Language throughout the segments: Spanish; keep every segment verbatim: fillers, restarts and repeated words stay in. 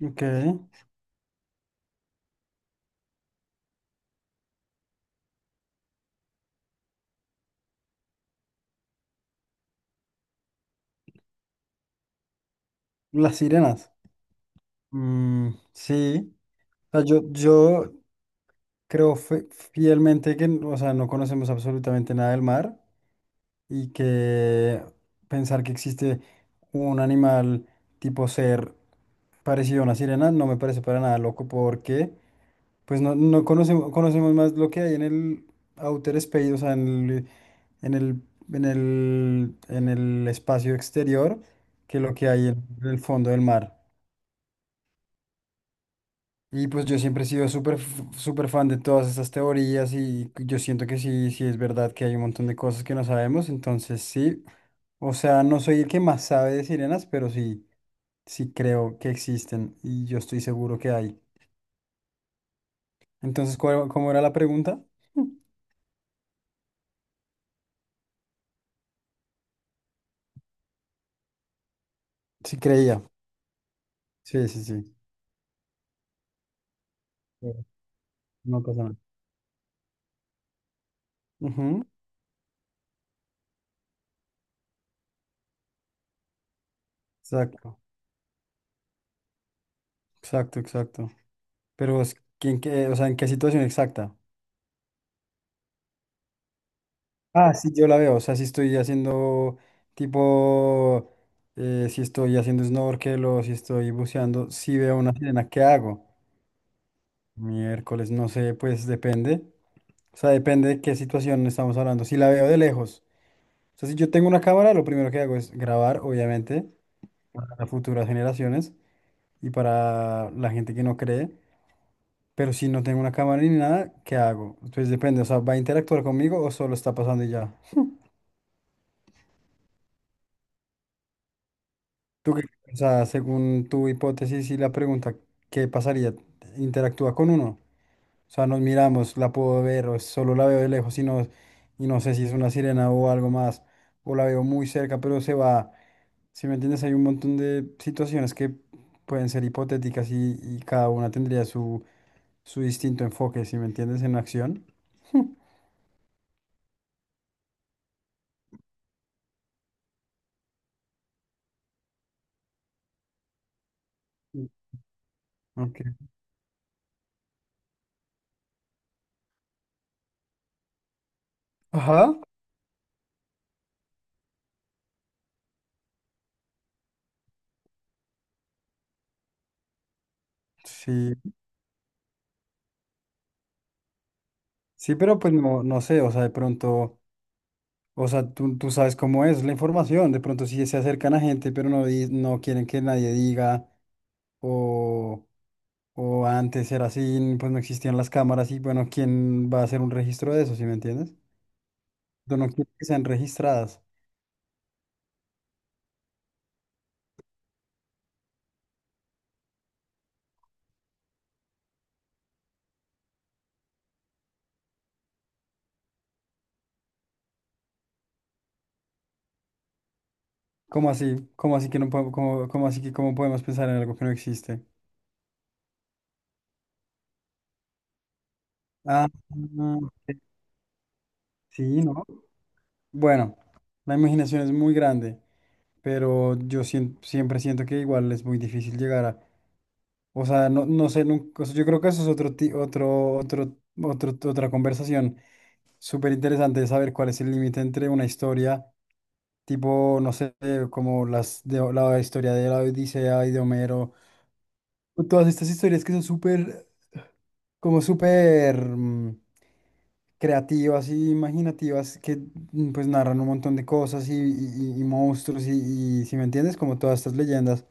Ok. Las sirenas. Mm, sí. O sea, yo, yo creo fe- fielmente que, o sea, no conocemos absolutamente nada del mar y que pensar que existe un animal tipo ser parecido a una sirena no me parece para nada loco porque, pues, no, no conocemos, conocemos más lo que hay en el outer space, o sea, en el, en el, en el, en el espacio exterior que lo que hay en el fondo del mar. Y pues yo siempre he sido súper, f- súper fan de todas estas teorías y yo siento que sí, sí es verdad que hay un montón de cosas que no sabemos, entonces sí, o sea, no soy el que más sabe de sirenas, pero sí, sí creo que existen y yo estoy seguro que hay. Entonces, ¿cuál- ¿cómo era la pregunta? Sí creía, sí, sí, sí. Pero no pasa nada. Ujú. Exacto, exacto, exacto. Pero es que, en qué, o sea, ¿en qué situación exacta? Ah, sí, yo la veo. O sea, si estoy haciendo tipo, eh, si estoy haciendo snorkel o si estoy buceando, si veo una sirena, ¿qué hago? Miércoles, no sé, pues depende. O sea, depende de qué situación estamos hablando. Si la veo de lejos. O sea, si yo tengo una cámara, lo primero que hago es grabar, obviamente, para futuras generaciones y para la gente que no cree. Pero si no tengo una cámara ni nada, ¿qué hago? Entonces depende, o sea, ¿va a interactuar conmigo o solo está pasando y ya? ¿Tú qué piensas según tu hipótesis y la pregunta, qué pasaría? ¿Interactúa con uno? O sea, nos miramos, la puedo ver o solo la veo de lejos y no, y no sé si es una sirena o algo más, o la veo muy cerca, pero se va. Si me entiendes, hay un montón de situaciones que pueden ser hipotéticas y, y cada una tendría su, su distinto enfoque, si me entiendes, en acción. Sí. Ok. Ajá. Sí, sí, pero pues no, no sé, o sea, de pronto. O sea, tú, tú sabes cómo es la información. De pronto sí se acercan a gente, pero no, di- no quieren que nadie diga. O, o antes era así, pues no existían las cámaras y bueno, ¿quién va a hacer un registro de eso, si me entiendes? Yo no quiero que sean registradas. ¿Cómo así? ¿Cómo así que no podemos, cómo, cómo así que cómo podemos pensar en algo que no existe? Ah, ah, ok, sí, ¿no? Bueno, la imaginación es muy grande pero yo sien- siempre siento que igual es muy difícil llegar a... O sea, no, no sé, nunca, o sea, yo creo que eso es otro, ti- otro, otro, otro, otra conversación súper interesante de saber cuál es el límite entre una historia, tipo, no sé, como las de la historia de la Odisea y de Homero, o todas estas historias que son súper, como súper mm, creativas y imaginativas, que mm, pues narran un montón de cosas y, y- y monstruos y, y si me entiendes, como todas estas leyendas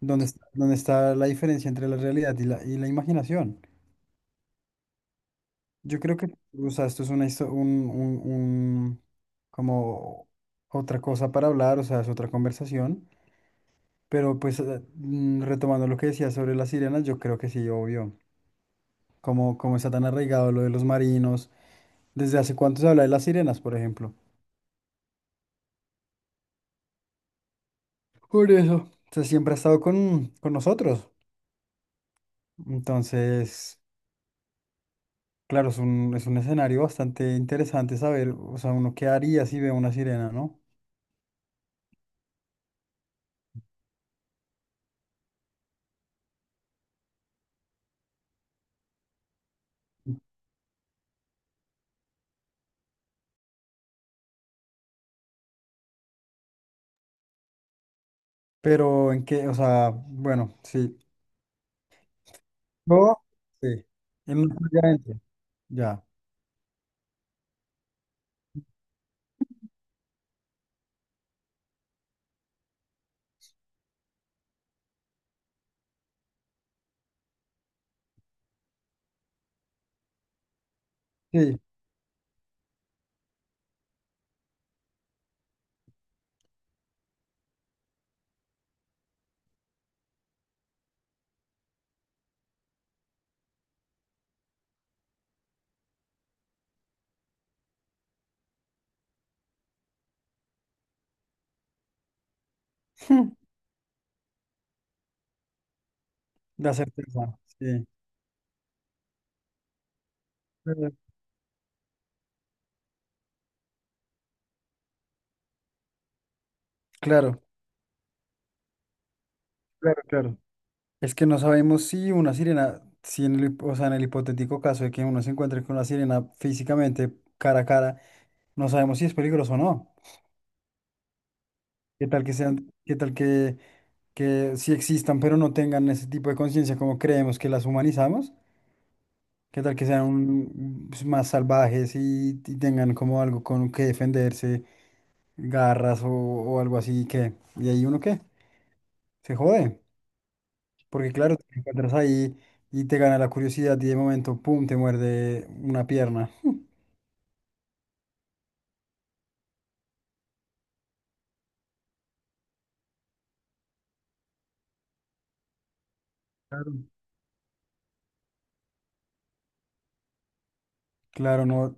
donde está, donde está la diferencia entre la realidad y la, y la imaginación. Yo creo que, o sea, esto es una, histo- un, un, un- como otra cosa para hablar, o sea, es otra conversación, pero pues eh, mm, retomando lo que decía sobre las sirenas, yo creo que sí, obvio, como, como está tan arraigado lo de los marinos, desde hace cuánto se habla de las sirenas, por ejemplo. Por eso. O sea, siempre ha estado con, con nosotros. Entonces... Claro, es un, es un escenario bastante interesante saber, o sea, uno qué haría si ve una sirena, ¿no? Pero en qué, o sea, bueno, sí. Yo, sí. En una playa adentro, ya. Sí. La certeza, sí. Claro, claro, claro, claro. Es que no sabemos si una sirena, si en el, hip- o sea, en el hipotético caso de que uno se encuentre con una sirena físicamente cara a cara, no sabemos si es peligroso o no. ¿Qué tal que sean, qué tal que que sí existan, pero no tengan ese tipo de conciencia como creemos que las humanizamos? ¿Qué tal que sean un- pues, más salvajes y, y tengan como algo con que defenderse, garras o, o algo así que... Y ahí uno qué, se jode, porque claro, te encuentras ahí y te gana la curiosidad y de momento, pum, te muerde una pierna. Claro, claro, no.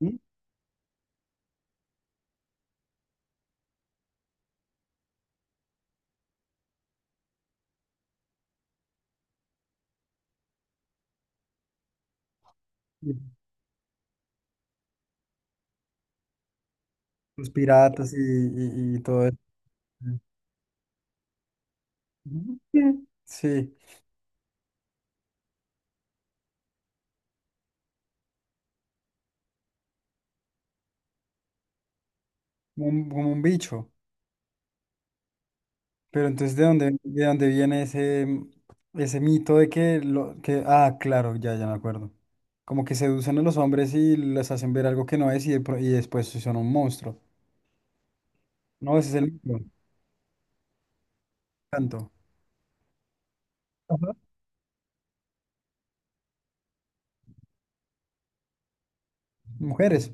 ¿Mm? Y los piratas y, y- y todo eso. Ujú. Sí, como un, como un bicho. Pero entonces, ¿de dónde, de dónde viene ese, mm, ese mito de que lo que, ah, claro, ya, ya me acuerdo. Como que seducen a los hombres y les hacen ver algo que no es y, de pro- y después sí son un monstruo. No, ese es el mito. Tanto. Ajá. Mujeres,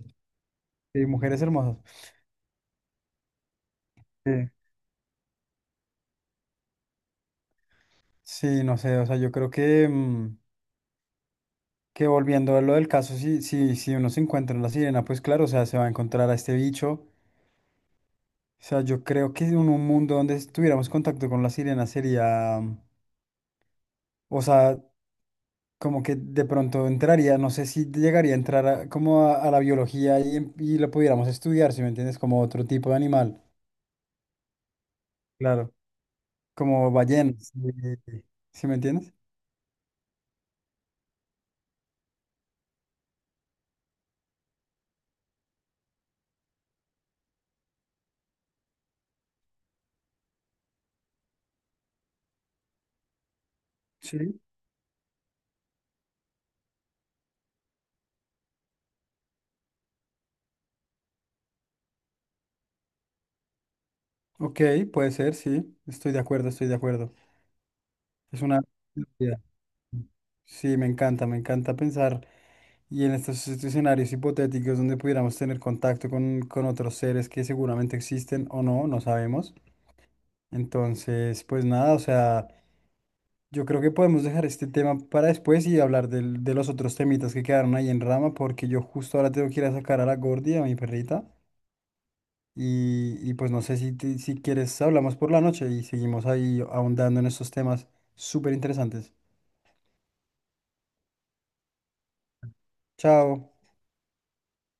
sí, mujeres hermosas. Sí. Sí, no sé, o sea, yo creo que, mm, que volviendo a lo del caso, si, si, si uno se encuentra en la sirena, pues claro, o sea, se va a encontrar a este bicho. O sea, yo creo que en un mundo donde tuviéramos contacto con la sirena sería, mm, o sea, como que de pronto entraría, no sé si llegaría a entrar a- como a, a la biología y, em- y lo pudiéramos estudiar, si me entiendes, como otro tipo de animal. Claro, como ballenas, ¿si me entiendes? Sí. Ok, puede ser, sí, estoy de acuerdo, estoy de acuerdo. Es una... Ya. Sí, me encanta, me encanta pensar y en estos escenarios hipotéticos donde pudiéramos tener contacto con, con otros seres que seguramente existen o no, no sabemos. Entonces, pues nada, o sea... Yo creo que podemos dejar este tema para después y hablar del- de los otros temitas que quedaron ahí en rama, porque yo justo ahora tengo que ir a sacar a la Gordi, a mi perrita, y, y pues no sé si, te- si quieres, hablamos por la noche y seguimos ahí ahondando en estos temas súper interesantes. Chao.